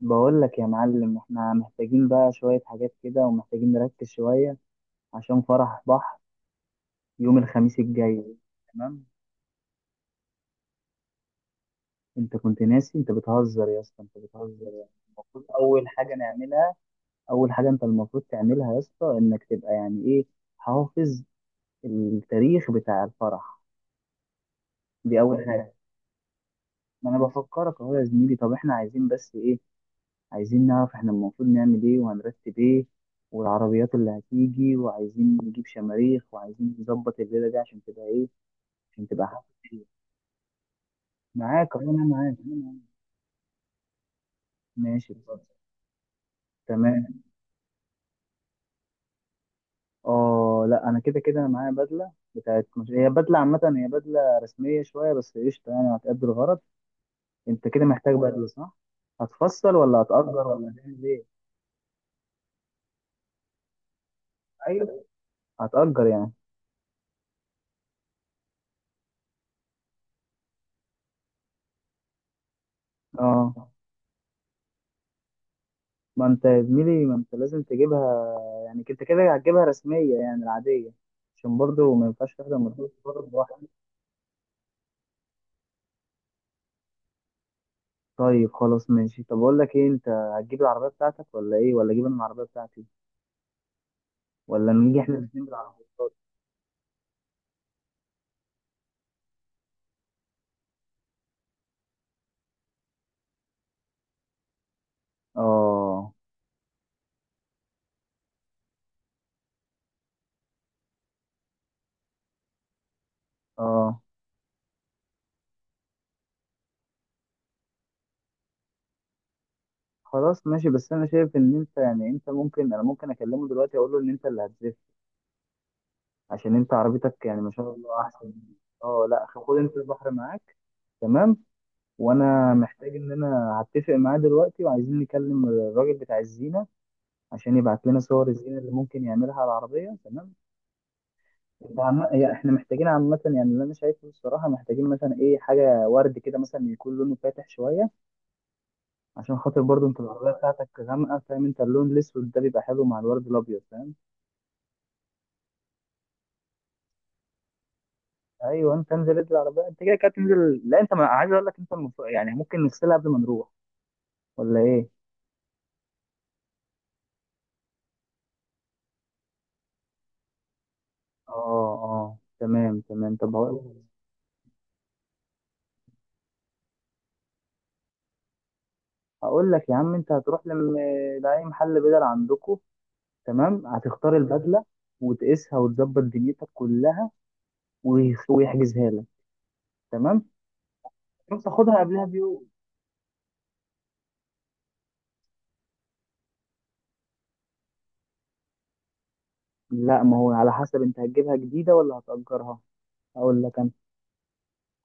بقول لك يا معلم، احنا محتاجين بقى شوية حاجات كده، ومحتاجين نركز شوية عشان فرح بحر يوم الخميس الجاي. تمام، انت كنت ناسي؟ انت بتهزر يا اسطى، انت بتهزر، يعني المفروض اول حاجة نعملها، اول حاجة انت المفروض تعملها يا اسطى انك تبقى يعني ايه، حافظ التاريخ بتاع الفرح. دي اول حاجة. ما انا بفكرك اهو يا زميلي. طب احنا عايزين بس ايه؟ عايزين نعرف احنا المفروض نعمل ايه، وهنرتب ايه، والعربيات اللي هتيجي، وعايزين نجيب شماريخ، وعايزين نظبط الليلة دي عشان تبقى ايه، عشان تبقى حفلة. معاك أهو، انا معاك، أنا معاك. ماشي، اتفضل. تمام. اه لا، انا كده كده انا معايا بدلة بتاعت، مش هي بدلة عامة، هي بدلة رسمية شوية بس قشطة، يعني هتأدي الغرض. انت كده محتاج بدلة، صح؟ هتفصل ولا هتأجر ولا هتعمل ايه؟ ايوه، هتأجر يعني. اه، ما انت يا زميلي، ما انت لازم تجيبها، يعني انت كده هتجيبها رسمية يعني، العادية، عشان برضه ما ينفعش تاخدها مدرسة لوحدك. طيب خلاص ماشي. طب اقول لك ايه، انت هتجيب العربية بتاعتك ولا ايه، ولا اجيب انا العربية بتاعتي، ولا نيجي احنا الاثنين بالعربيات؟ اه. اه خلاص ماشي. بس انا شايف ان انت يعني، انت ممكن، انا ممكن اكلمه دلوقتي اقول له ان انت اللي هتزف عشان انت عربيتك يعني ما شاء الله احسن. اه لا، خد انت البحر معاك. تمام. وانا محتاج ان انا هتفق معاه دلوقتي، وعايزين نكلم الراجل بتاع الزينه عشان يبعت لنا صور الزينه اللي ممكن يعملها على العربيه. تمام. يعني احنا محتاجين عامه، يعني اللي انا شايفه الصراحه، محتاجين مثلا ايه، حاجه ورد كده مثلا يكون لونه فاتح شويه عشان خاطر برضو انت العربيه بتاعتك غامقه، فاهم؟ انت اللون الاسود ده بيبقى حلو مع الورد الابيض، فاهم؟ ايوه انت انزل، انزل العربيه، انت كده كده تنزل. لا انت ما... عايز اقول لك انت يعني ممكن نغسلها قبل ما نروح، ولا ايه؟ اه اه تمام تمام. طب هقول هقول لك يا عم، انت هتروح لم... لاي محل بدل عندكم. تمام، هتختار البدله وتقيسها وتظبط دنيتك كلها، ويحجزها لك. تمام، تروح تاخدها قبلها بيوم. لا، ما هو على حسب، انت هتجيبها جديده ولا هتأجرها؟ هقول لك انا.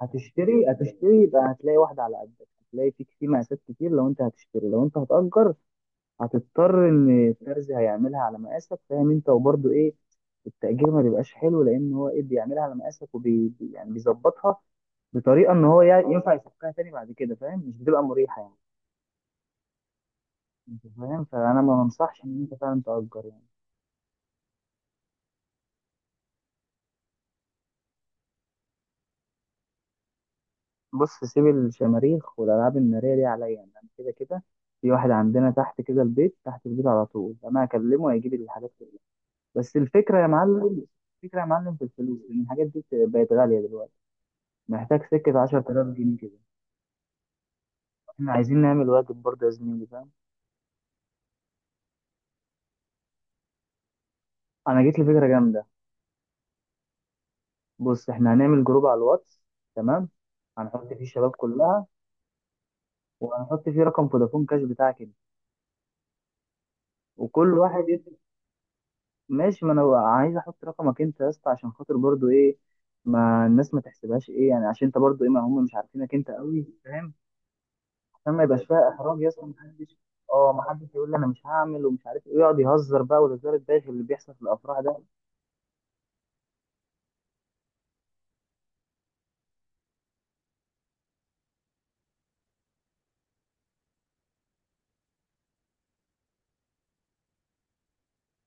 هتشتري، يبقى هتلاقي واحده على قدك، هتلاقي في كتير، مقاسات كتير، لو انت هتشتري. لو انت هتأجر، هتضطر ان الترزي هيعملها على مقاسك، فاهم انت؟ وبرضه ايه، التأجير ما بيبقاش حلو، لأن هو إيه، بيعملها على مقاسك يعني بيظبطها بطريقه ان هو يعني ينفع يفكها تاني بعد كده، فاهم؟ مش بتبقى مريحه يعني. انت فاهم، فانا ما بنصحش ان انت فعلا تأجر يعني. بص، سيب الشماريخ والالعاب الناريه دي عليا، يعني انا كده كده في واحد عندنا تحت كده، البيت تحت البيت على طول، انا هكلمه هيجيب لي الحاجات كلها. بس الفكره يا معلم، الفكره يا معلم في الفلوس، لان الحاجات دي بقت غاليه دلوقتي، محتاج سكه 10,000 جنيه كده. احنا عايزين نعمل واجب برضه يا زميلي، فاهم؟ انا جيت لي فكره جامده. بص، احنا هنعمل جروب على الواتس، تمام، هنحط فيه الشباب كلها، وهنحط فيه رقم فودافون كاش بتاعك انت، وكل واحد يكتب. ماشي، ما انا عايز احط رقمك انت يا اسطى، عشان خاطر برضو ايه، ما الناس ما تحسبهاش ايه يعني، عشان انت برضو ايه، ما هم مش عارفينك انت قوي، فاهم؟ عشان ما يبقاش فيها احراج يا اسطى، محدش اه، محدش يقول لي انا مش هعمل ومش عارف ايه، يقعد يهزر بقى، والهزار الداخل اللي بيحصل في الافراح ده.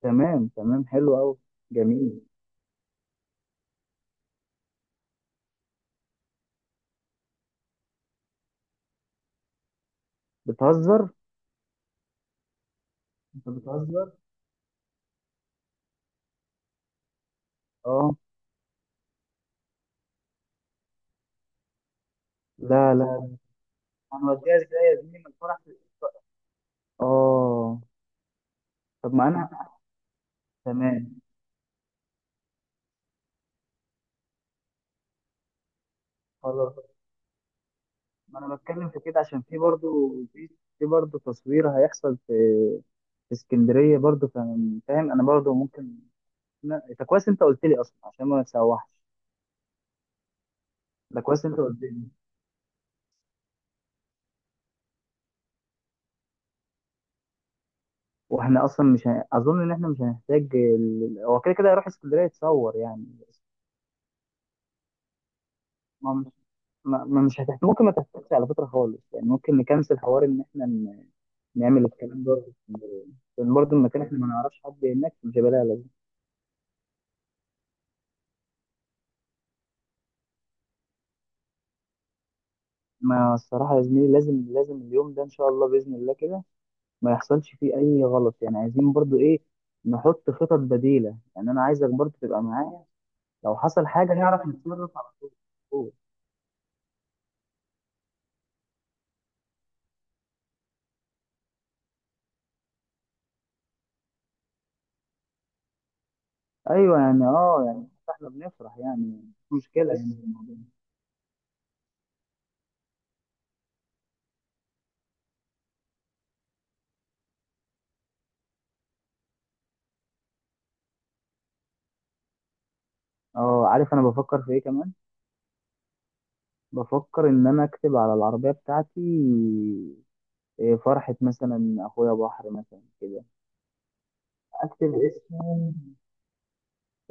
تمام تمام، حلو قوي. جميل. بتهزر، انت بتهزر. اه لا لا، هنوديها ازاي يا زميلي، ما الفرح اه. طب ما انا، تمام خلاص، ما انا بتكلم في كده عشان في برضو، في في برضو تصوير هيحصل في، في اسكندريه برضو، فاهم؟ فاهم انا برضو ممكن. ده كويس انت قلت لي اصلا عشان ما تسوحش. ده كويس انت قلت لي. واحنا اصلا مش هن... اظن ان احنا مش هنحتاج هو كده كده هيروح اسكندريه يتصور يعني. ما مش، مش ممكن ما تحتاجش على فكره خالص يعني، ممكن نكنسل حوار ان احنا نعمل الكلام ده في اسكندريه، لان برضه المكان احنا ما نعرفش حد هناك، مش هيبقى لها لازمه. ما الصراحه يا زميلي، لازم لازم اليوم ده ان شاء الله باذن الله كده ما يحصلش فيه اي غلط، يعني عايزين برضو ايه، نحط خطط بديلة، يعني انا عايزك برضو تبقى معايا لو حصل حاجة نعرف نتصرف على طول. ايوه يعني، اه يعني، احنا بنفرح يعني، مش مشكلة يعني. اه، عارف انا بفكر في ايه كمان؟ بفكر ان انا اكتب على العربية بتاعتي إيه، فرحة مثلا اخويا بحر مثلا كده، اكتب اسمه.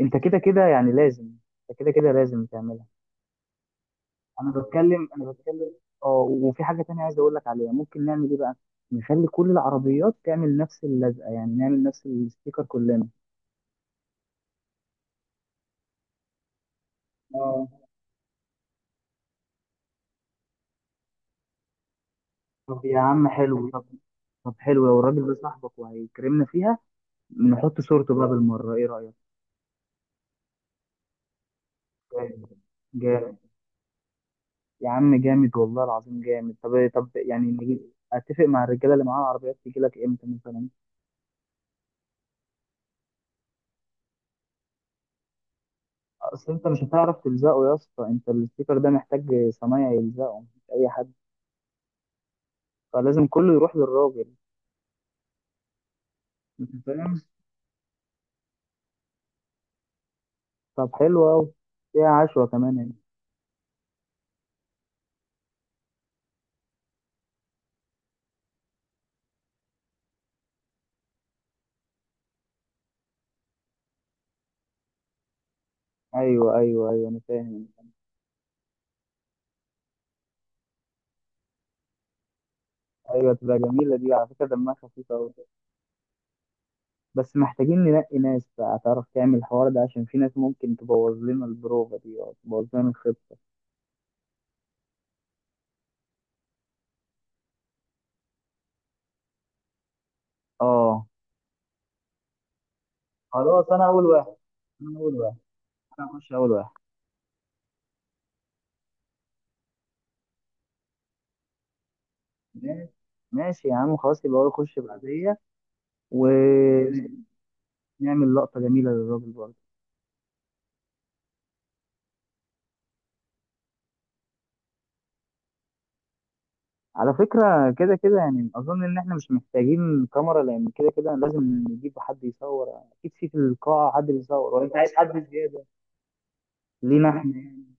انت كده كده يعني لازم، انت كده كده لازم تعملها. انا بتكلم. اه، وفي حاجه تانية عايز اقول لك عليها، ممكن نعمل ايه بقى، نخلي كل العربيات تعمل نفس اللزقه، يعني نعمل نفس الستيكر كلنا. اه. طب يا عم حلو. طب طب حلو، لو الراجل ده صاحبك وهيكرمنا فيها، نحط صورته بقى بالمره، ايه رايك؟ جامد جامد، يا عم جامد، والله العظيم جامد. طب طب يعني نجيب، اتفق مع الرجاله اللي معاها العربيات تيجي لك امتى مثلا. اصل انت مش هتعرف تلزقه يا اسطى، انت الستيكر ده محتاج صنايعي يلزقه، مش اي حد، فلازم كله يروح للراجل. انت فاهم؟ طب حلو أوي. فيها عشوة كمان هنا. أيوه أيوه أيوه، أنا فاهم. أيوه تبقى جميلة، دي على فكرة دمها خفيف أوي. بس محتاجين ننقي ناس بقى تعرف تعمل الحوار ده، عشان في ناس ممكن تبوظ لنا البروفة دي أو تبوظ لنا الخطة. أه. خلاص، أنا أول واحد، أنا هخش أول واحد. ماشي ماشي يا عم، خلاص يبقى هو يخش بعدية، ونعمل لقطة جميلة للراجل برضه. على فكرة كده كده يعني، أظن إن إحنا مش محتاجين كاميرا، لأن كده كده لازم نجيب حد يصور، أكيد في، في القاعة حد بيصور، ولا أنت عايز حد زيادة لينا إحنا يعني؟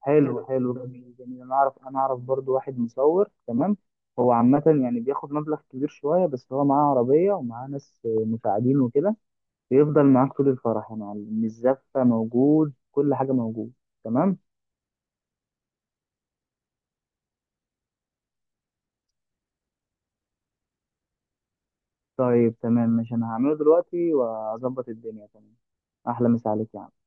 حلو حلو، جميل جميل، أنا أعرف برضو واحد مصور، تمام. هو عامة يعني بياخد مبلغ كبير شوية، بس هو معاه عربية، ومعاه ناس مساعدين وكده، بيفضل معاك طول الفرح يا معلم، الزفة موجود، كل حاجة موجود، تمام. طيب تمام، مش أنا هعمله دلوقتي وأظبط الدنيا، تمام. أحلى مسا عليك يا عم.